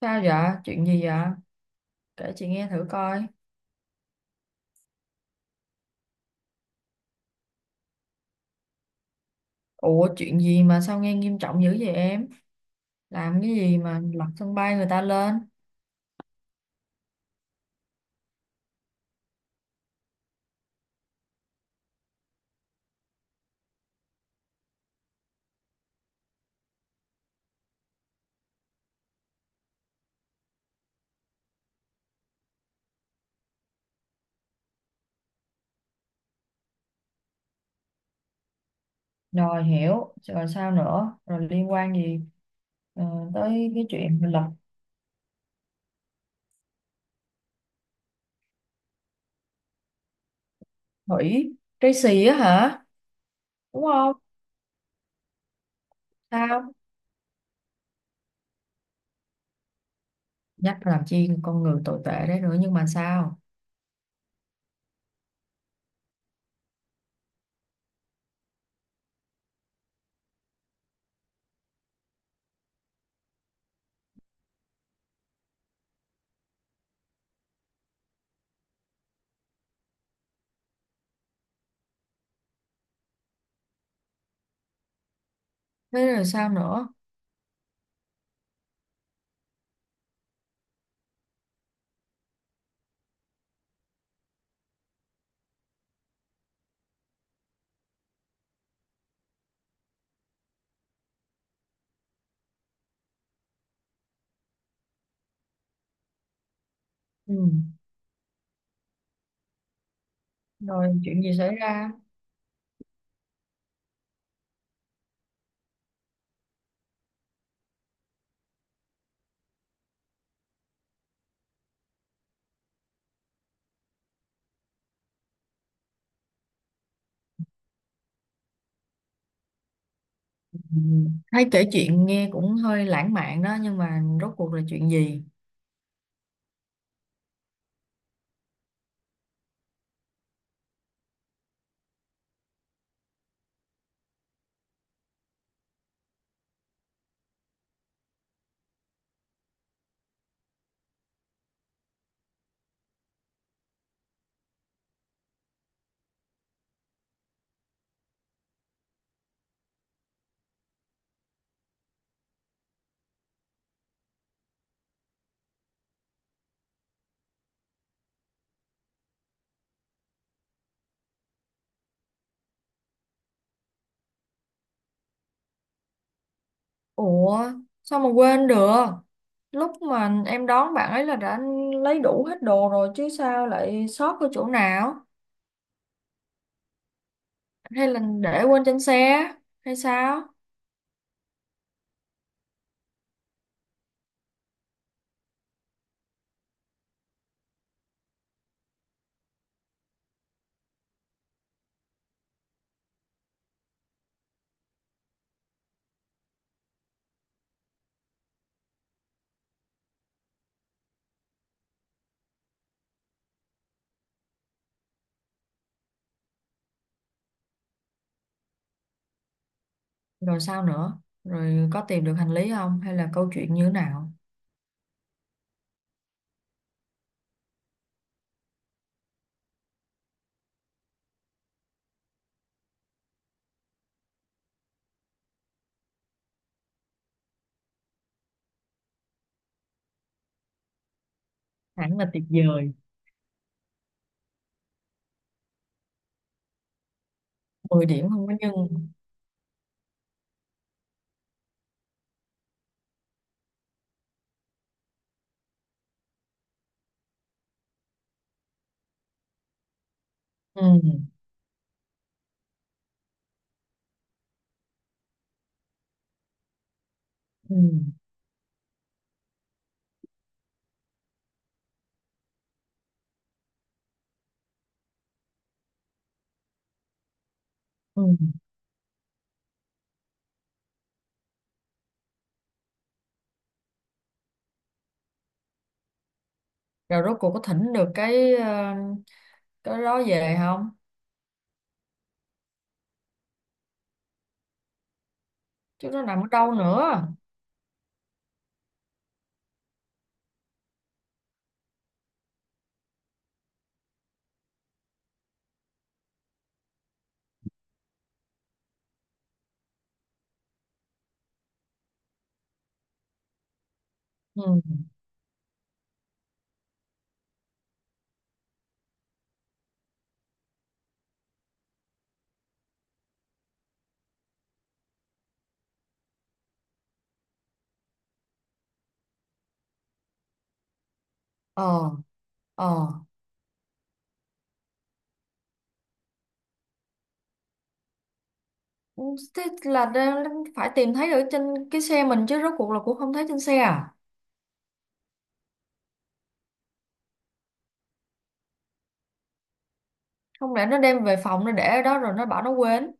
Sao vậy? Chuyện gì vậy? Kể chị nghe thử coi. Ủa chuyện gì mà sao nghe nghiêm trọng dữ vậy em? Làm cái gì mà lật sân bay người ta lên? Rồi hiểu, rồi sao nữa? Rồi liên quan gì ờ, tới cái chuyện mà lật thủy Tracy á hả? Đúng không? Sao? Nhắc làm chi con người tồi tệ đấy nữa nhưng mà sao? Thế rồi sao nữa? Ừ. Rồi chuyện gì xảy ra? Ừ. Thấy kể chuyện nghe cũng hơi lãng mạn đó nhưng mà rốt cuộc là chuyện gì? Ủa sao mà quên được? Lúc mà em đón bạn ấy là đã lấy đủ hết đồ rồi, chứ sao lại sót ở chỗ nào? Hay là để quên trên xe hay sao? Rồi sao nữa? Rồi có tìm được hành lý không hay là câu chuyện như thế nào? Hẳn là tuyệt vời. 10 điểm không có nhưng ừ, ừ, ừ. Rồi rốt cuộc có thỉnh được cái cái đó về không? Chứ nó nằm ở đâu nữa? Ừ. Ờ. Ờ. Ừ, thế là phải tìm thấy ở trên cái xe mình chứ, rốt cuộc là cũng không thấy trên xe à? Không lẽ nó đem về phòng nó để ở đó rồi nó bảo nó quên?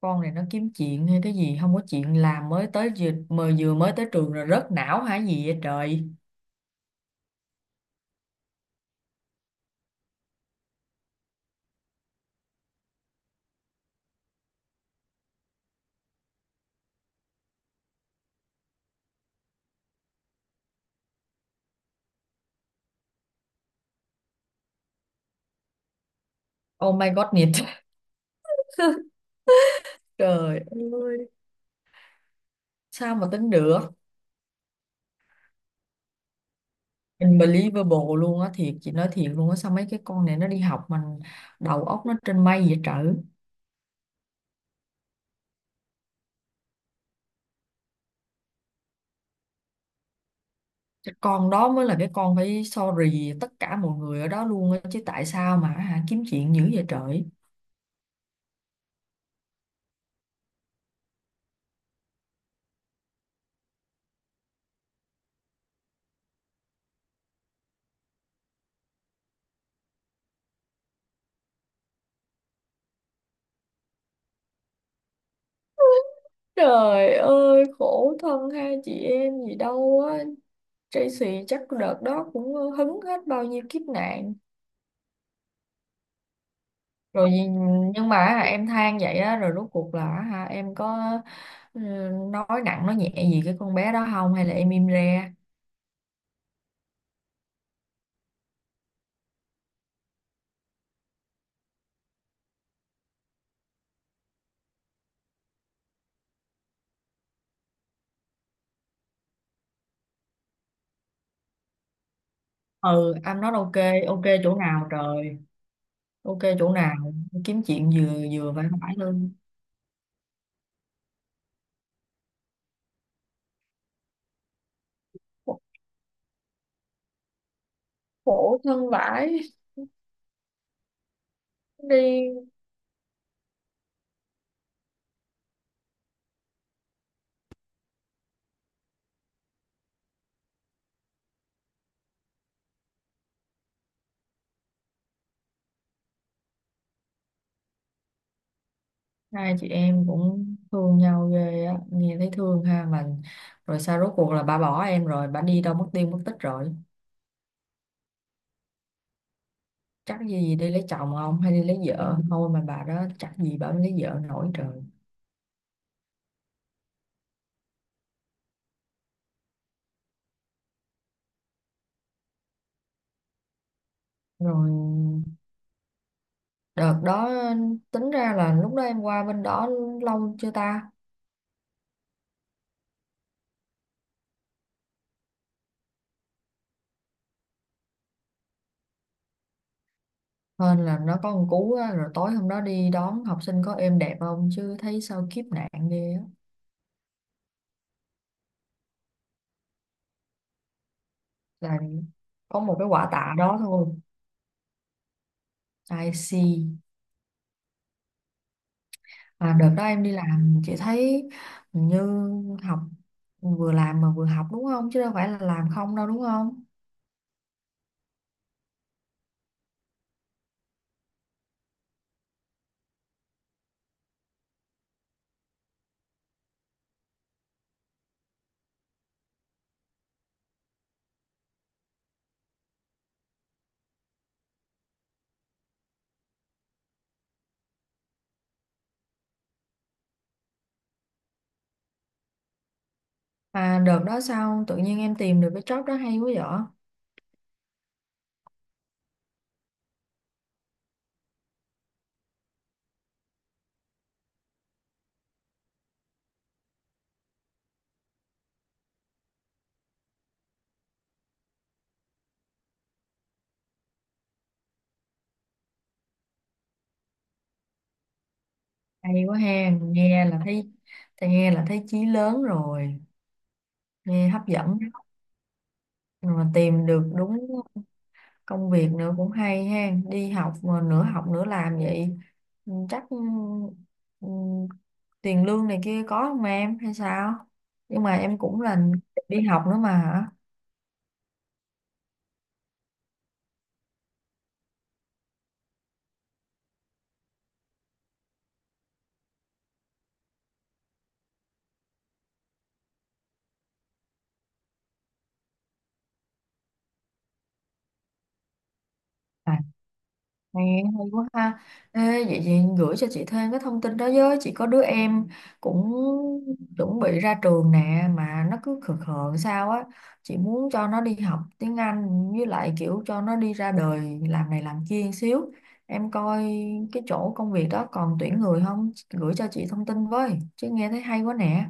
Con này nó kiếm chuyện hay cái gì, không có chuyện làm mới tới, vừa mới tới trường rồi rớt não hả gì vậy trời? Oh my god nhiệt. Trời ơi, sao mà tính được? Unbelievable luôn á, thiệt, chị nói thiệt luôn á, sao mấy cái con này nó đi học mà đầu óc nó trên mây vậy trời? Cái con đó mới là cái con phải sorry tất cả mọi người ở đó luôn á chứ, tại sao mà hả, kiếm chuyện dữ vậy trời? Trời ơi, khổ thân hai chị em gì đâu á. Tracy chắc đợt đó cũng hứng hết bao nhiêu kiếp nạn. Rồi nhưng mà hả, em than vậy á, rồi rốt cuộc là hả, em có ừ, nói nặng nói nhẹ gì cái con bé đó không hay là em im re? Ừ, anh nói ok. Ok chỗ nào trời? Ok chỗ nào? Kiếm chuyện vừa vừa phải phải luôn. Khổ thân vãi. Đi. Hai chị em cũng thương nhau ghê á, nghe thấy thương ha. Mà rồi sao rốt cuộc là bà bỏ em rồi bà đi đâu mất tiêu mất tích rồi? Chắc gì gì đi lấy chồng, không hay đi lấy vợ thôi, mà bà đó chắc gì bà mới lấy vợ nổi trời. Rồi đợt đó, tính ra là lúc đó em qua bên đó lâu chưa ta? Hên là nó có một cú á, rồi tối hôm đó đi đón học sinh có êm đẹp không chứ thấy sao kiếp nạn ghê á. Là có một cái quả tạ đó thôi. I see. À, đợt đó em đi làm chị thấy hình như học, vừa làm mà vừa học đúng không chứ đâu phải là làm không đâu, đúng không? Mà đợt đó sao tự nhiên em tìm được cái job đó hay quá vậy? Hay quá ha, nghe là thấy, thì nghe là thấy chí lớn rồi, nghe hấp dẫn đó. Rồi mà tìm được đúng công việc nữa cũng hay ha, đi học mà nửa học nửa làm vậy. Ừ, chắc ừ, ừ, tiền lương này kia có không em hay sao? Nhưng mà em cũng là đi học nữa mà hả? À, nghe hay quá ha. Ê, vậy chị, gửi cho chị thêm cái thông tin đó với. Chị có đứa em cũng chuẩn bị ra trường nè mà nó cứ khờ khờ sao á. Chị muốn cho nó đi học tiếng Anh với lại kiểu cho nó đi ra đời làm này làm kia xíu. Em coi cái chỗ công việc đó còn tuyển người không? Gửi cho chị thông tin với. Chứ nghe thấy hay quá nè.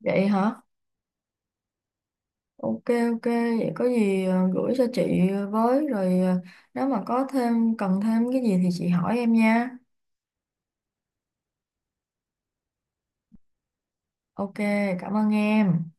Vậy hả? Ok, ok, vậy có gì gửi cho chị với, rồi nếu mà có thêm cần thêm cái gì thì chị hỏi em nha. Ok, cảm ơn em.